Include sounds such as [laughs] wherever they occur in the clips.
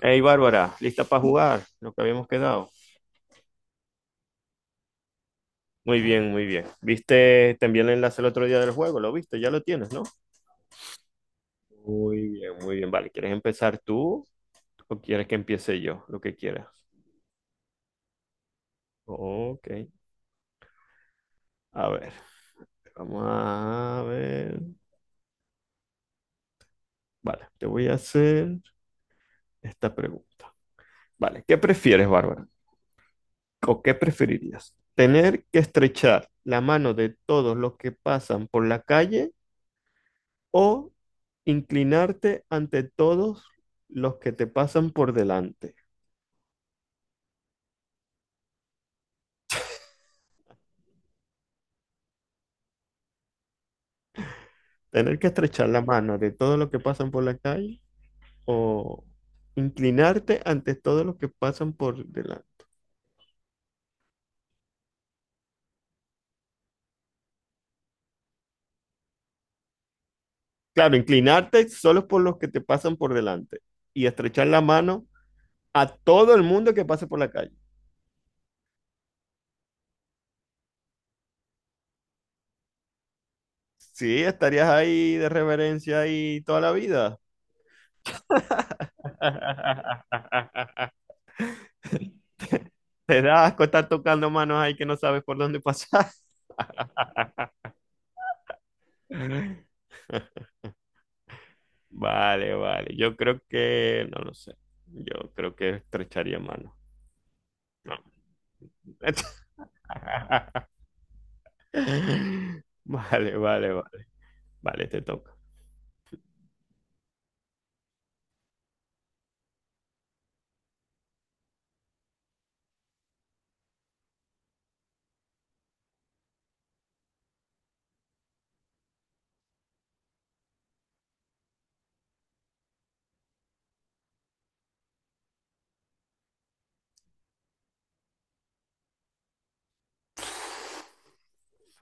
Hey Bárbara, ¿lista para jugar? Lo que habíamos quedado. Muy bien, muy bien. ¿Viste también el enlace el otro día del juego? ¿Lo viste? Ya lo tienes, ¿no? Muy bien, muy bien. Vale, ¿quieres empezar tú o quieres que empiece yo? Lo que quieras. Ok. A ver, vamos a ver. Vale, te voy a hacer esta pregunta. Vale, ¿qué prefieres, Bárbara? ¿O qué preferirías? ¿Tener que estrechar la mano de todos los que pasan por la calle o inclinarte ante todos los que te pasan por delante? Tener que estrechar la mano de todos los que pasan por la calle o inclinarte ante todos los que pasan por delante. Claro, inclinarte solo por los que te pasan por delante y estrechar la mano a todo el mundo que pase por la calle. Sí, estarías ahí de reverencia ahí toda la vida. [laughs] Te da asco estar tocando manos ahí que no sabes por dónde pasar. [laughs] Vale, vale. Yo creo que, no lo sé. Yo creo que estrecharía mano. No. [laughs] Vale, vale, vale. Vale, te toca.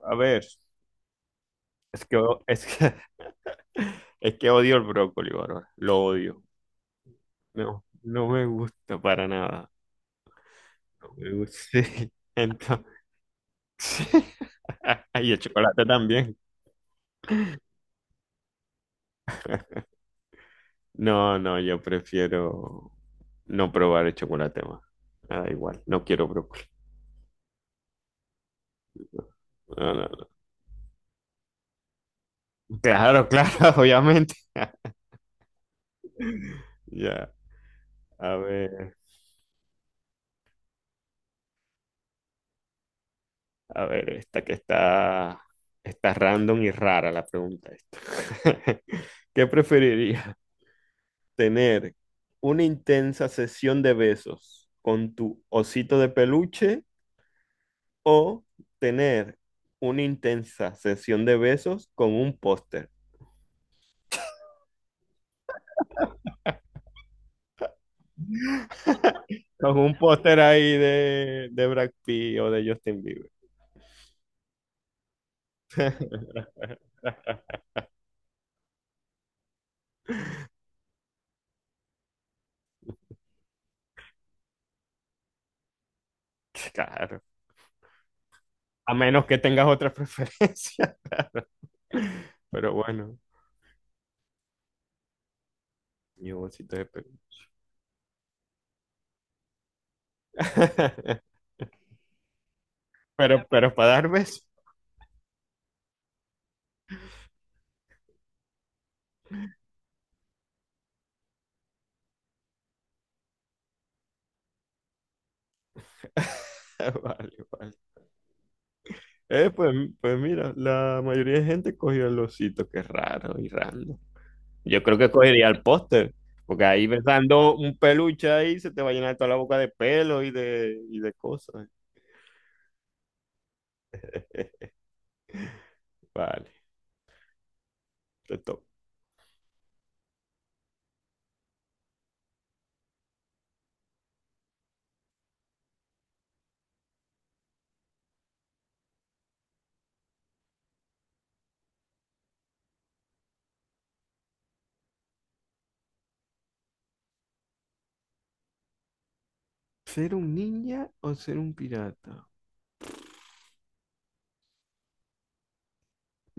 A ver, es que, [laughs] es que odio el brócoli, Bárbara. Lo odio. No, no me gusta para nada. No me gusta. Sí. Entonces, [laughs] y el chocolate también. No, no, yo prefiero no probar el chocolate más. Me da igual. No quiero brócoli. No, no, no. Claro, claro, [laughs] obviamente. [laughs] Ya, a ver, a ver, esta que está, está random y rara la pregunta esta. [laughs] ¿Qué preferirías? ¿Tener una intensa sesión de besos con tu osito de peluche o tener una intensa sesión de besos con un póster? Con un póster ahí de Brad Pitt o de Justin Bieber. [laughs] Claro. A menos que tengas otra preferencia, [laughs] claro. Pero bueno, mi bolsito de pe- [laughs] pero para dar besos. [laughs] Vale, vale. Pues, pues mira, la mayoría de gente cogió el osito, que es raro y random. Yo creo que cogería el póster, porque ahí besando un peluche ahí se te va a llenar toda la boca de pelo y de cosas. [laughs] Vale, te toca. ¿Ser un ninja o ser un pirata?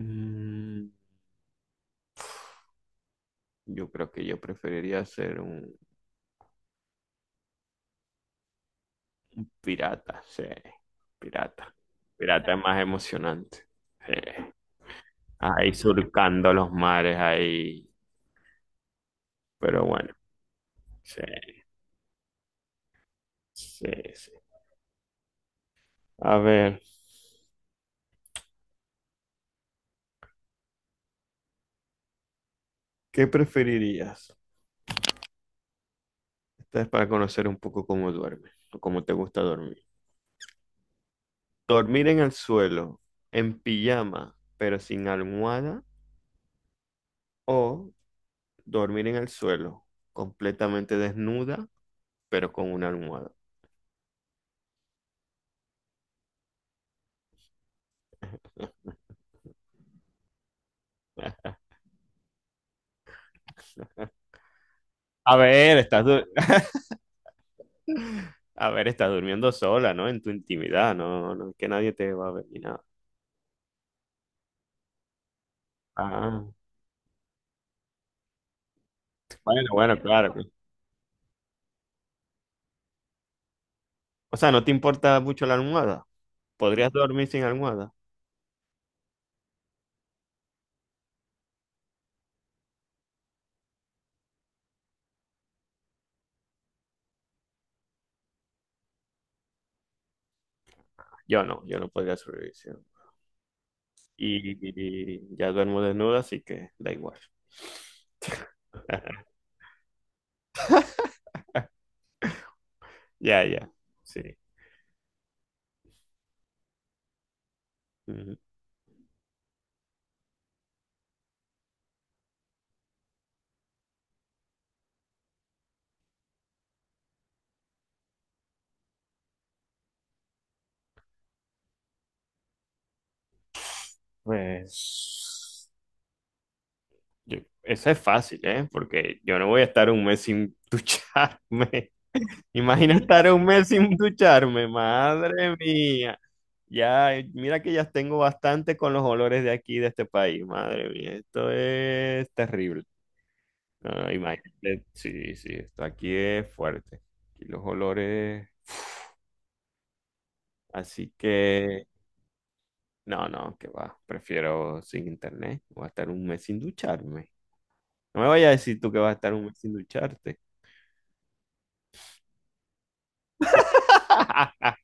Mm, Yo creo que yo preferiría ser un pirata, sí, pirata. Pirata es más emocionante. Sí. Ahí surcando los mares, ahí. Pero bueno, sí, sí, sí. A ver, ¿qué preferirías? Esta es para conocer un poco cómo duermes o cómo te gusta dormir. ¿Dormir en el suelo, en pijama, pero sin almohada? ¿O dormir en el suelo, completamente desnuda, pero con una almohada? [laughs] A ver, estás du- [laughs] a ver, estás durmiendo sola, ¿no? En tu intimidad, no, no es que nadie te va a ver ni nada. Ah, bueno, bueno, claro, pues. O sea, ¿no te importa mucho la almohada? ¿Podrías dormir sin almohada? Yo no, yo no podría sobrevivir sin almohada. Y, y ya duermo desnuda, así que da igual. [laughs] Ya, ya, sí. Ujú. Pues yo- eso es fácil, ¿eh? Porque yo no voy a estar un mes sin [laughs] ducharme. Imagina estar un mes sin ducharme, madre mía. Ya, mira que ya tengo bastante con los olores de aquí, de este país, madre mía. Esto es terrible. No, imagínate, sí, sí, esto aquí es fuerte. Aquí los olores, así que no, no, que va. Prefiero sin internet. Voy a estar un mes sin ducharme. No me vayas a decir tú que vas a estar un mes sin ducharte. [laughs]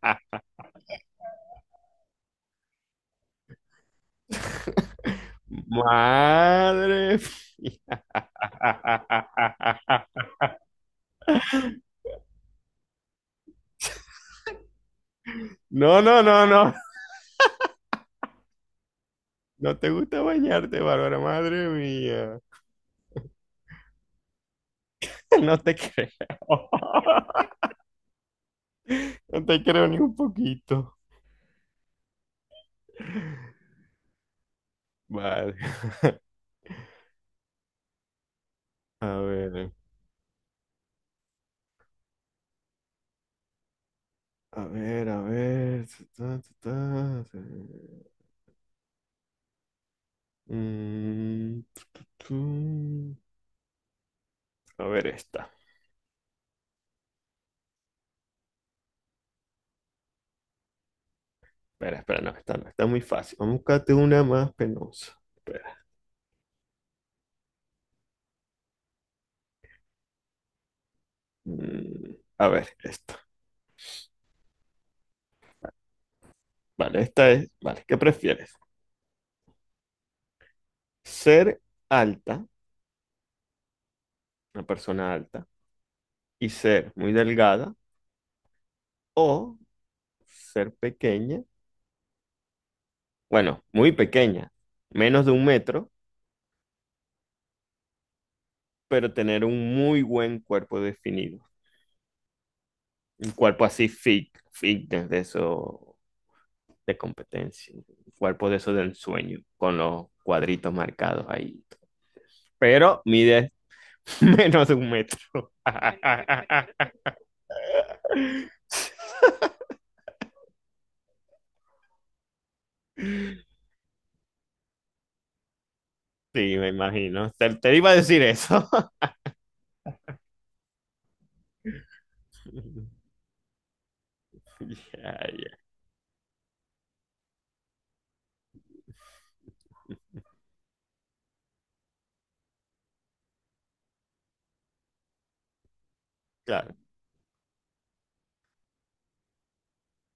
Madre mía. No, no, no, no. No te gusta bañarte, Bárbara. Madre mía. No te creo. No te creo ni un poquito. Vale. A ver. A ver, a ver. Ta, ta, ta, ta. Mm, tú. A ver esta. Espera, espera, no, esta no, está muy fácil. Vamos a buscarte una más penosa. Espera. Mm, a ver, esta. Vale, esta es. Vale, ¿qué prefieres? ¿Ser alta, una persona alta, y ser muy delgada, o ser pequeña, bueno, muy pequeña, menos de un metro, pero tener un muy buen cuerpo definido? Un cuerpo así fit, fitness de eso, de competencia, un cuerpo de eso del ensueño, con los cuadritos marcados ahí. Pero mide [laughs] menos de un metro. [laughs] Sí, me imagino. Te iba a decir eso. [laughs] Ya, ya. Claro,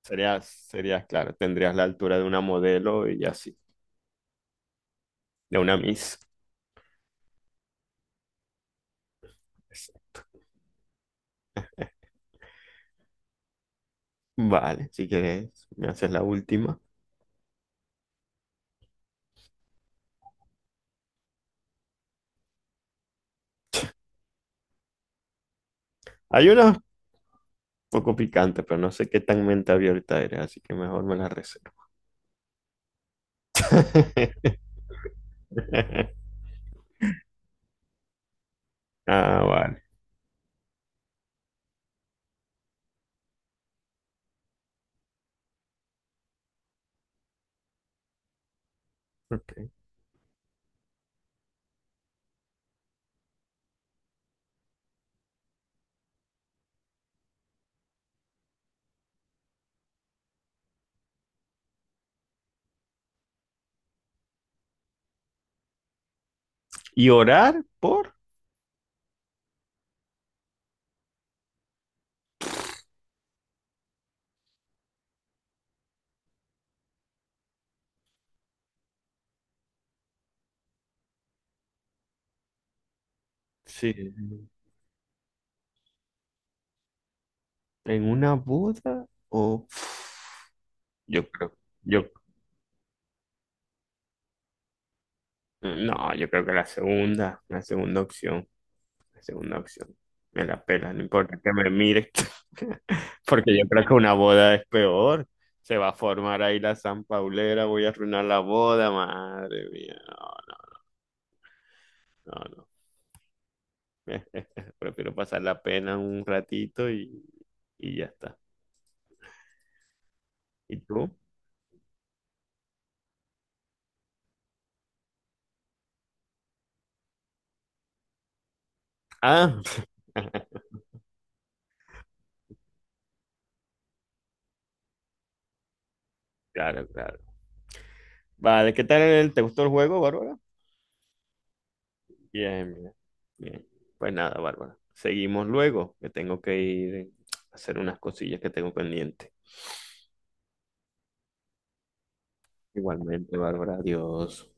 sería, sería, claro, tendrías la altura de una modelo y así. De una Miss. Vale, si quieres, me haces la última. Hay una un poco picante, pero no sé qué tan mente abierta eres, así que mejor me la reservo. [laughs] Ah, vale. Ok. ¿Y orar por? Sí. ¿En una boda? O yo creo, yo, no, yo creo que la segunda opción. La segunda opción. Me la pela, no importa que me mire. [laughs] Porque yo creo que una boda es peor. Se va a formar ahí la San Paulera, voy a arruinar la boda, madre mía. No, no, no, no. [laughs] Prefiero pasar la pena un ratito y ya está. ¿Y tú? Ah, [laughs] claro, claro. Vale, ¿qué tal? El- ¿Te gustó el juego, Bárbara? Bien, bien, bien. Pues nada, Bárbara. Seguimos luego, que tengo que ir a hacer unas cosillas que tengo pendientes. Igualmente, Bárbara, adiós.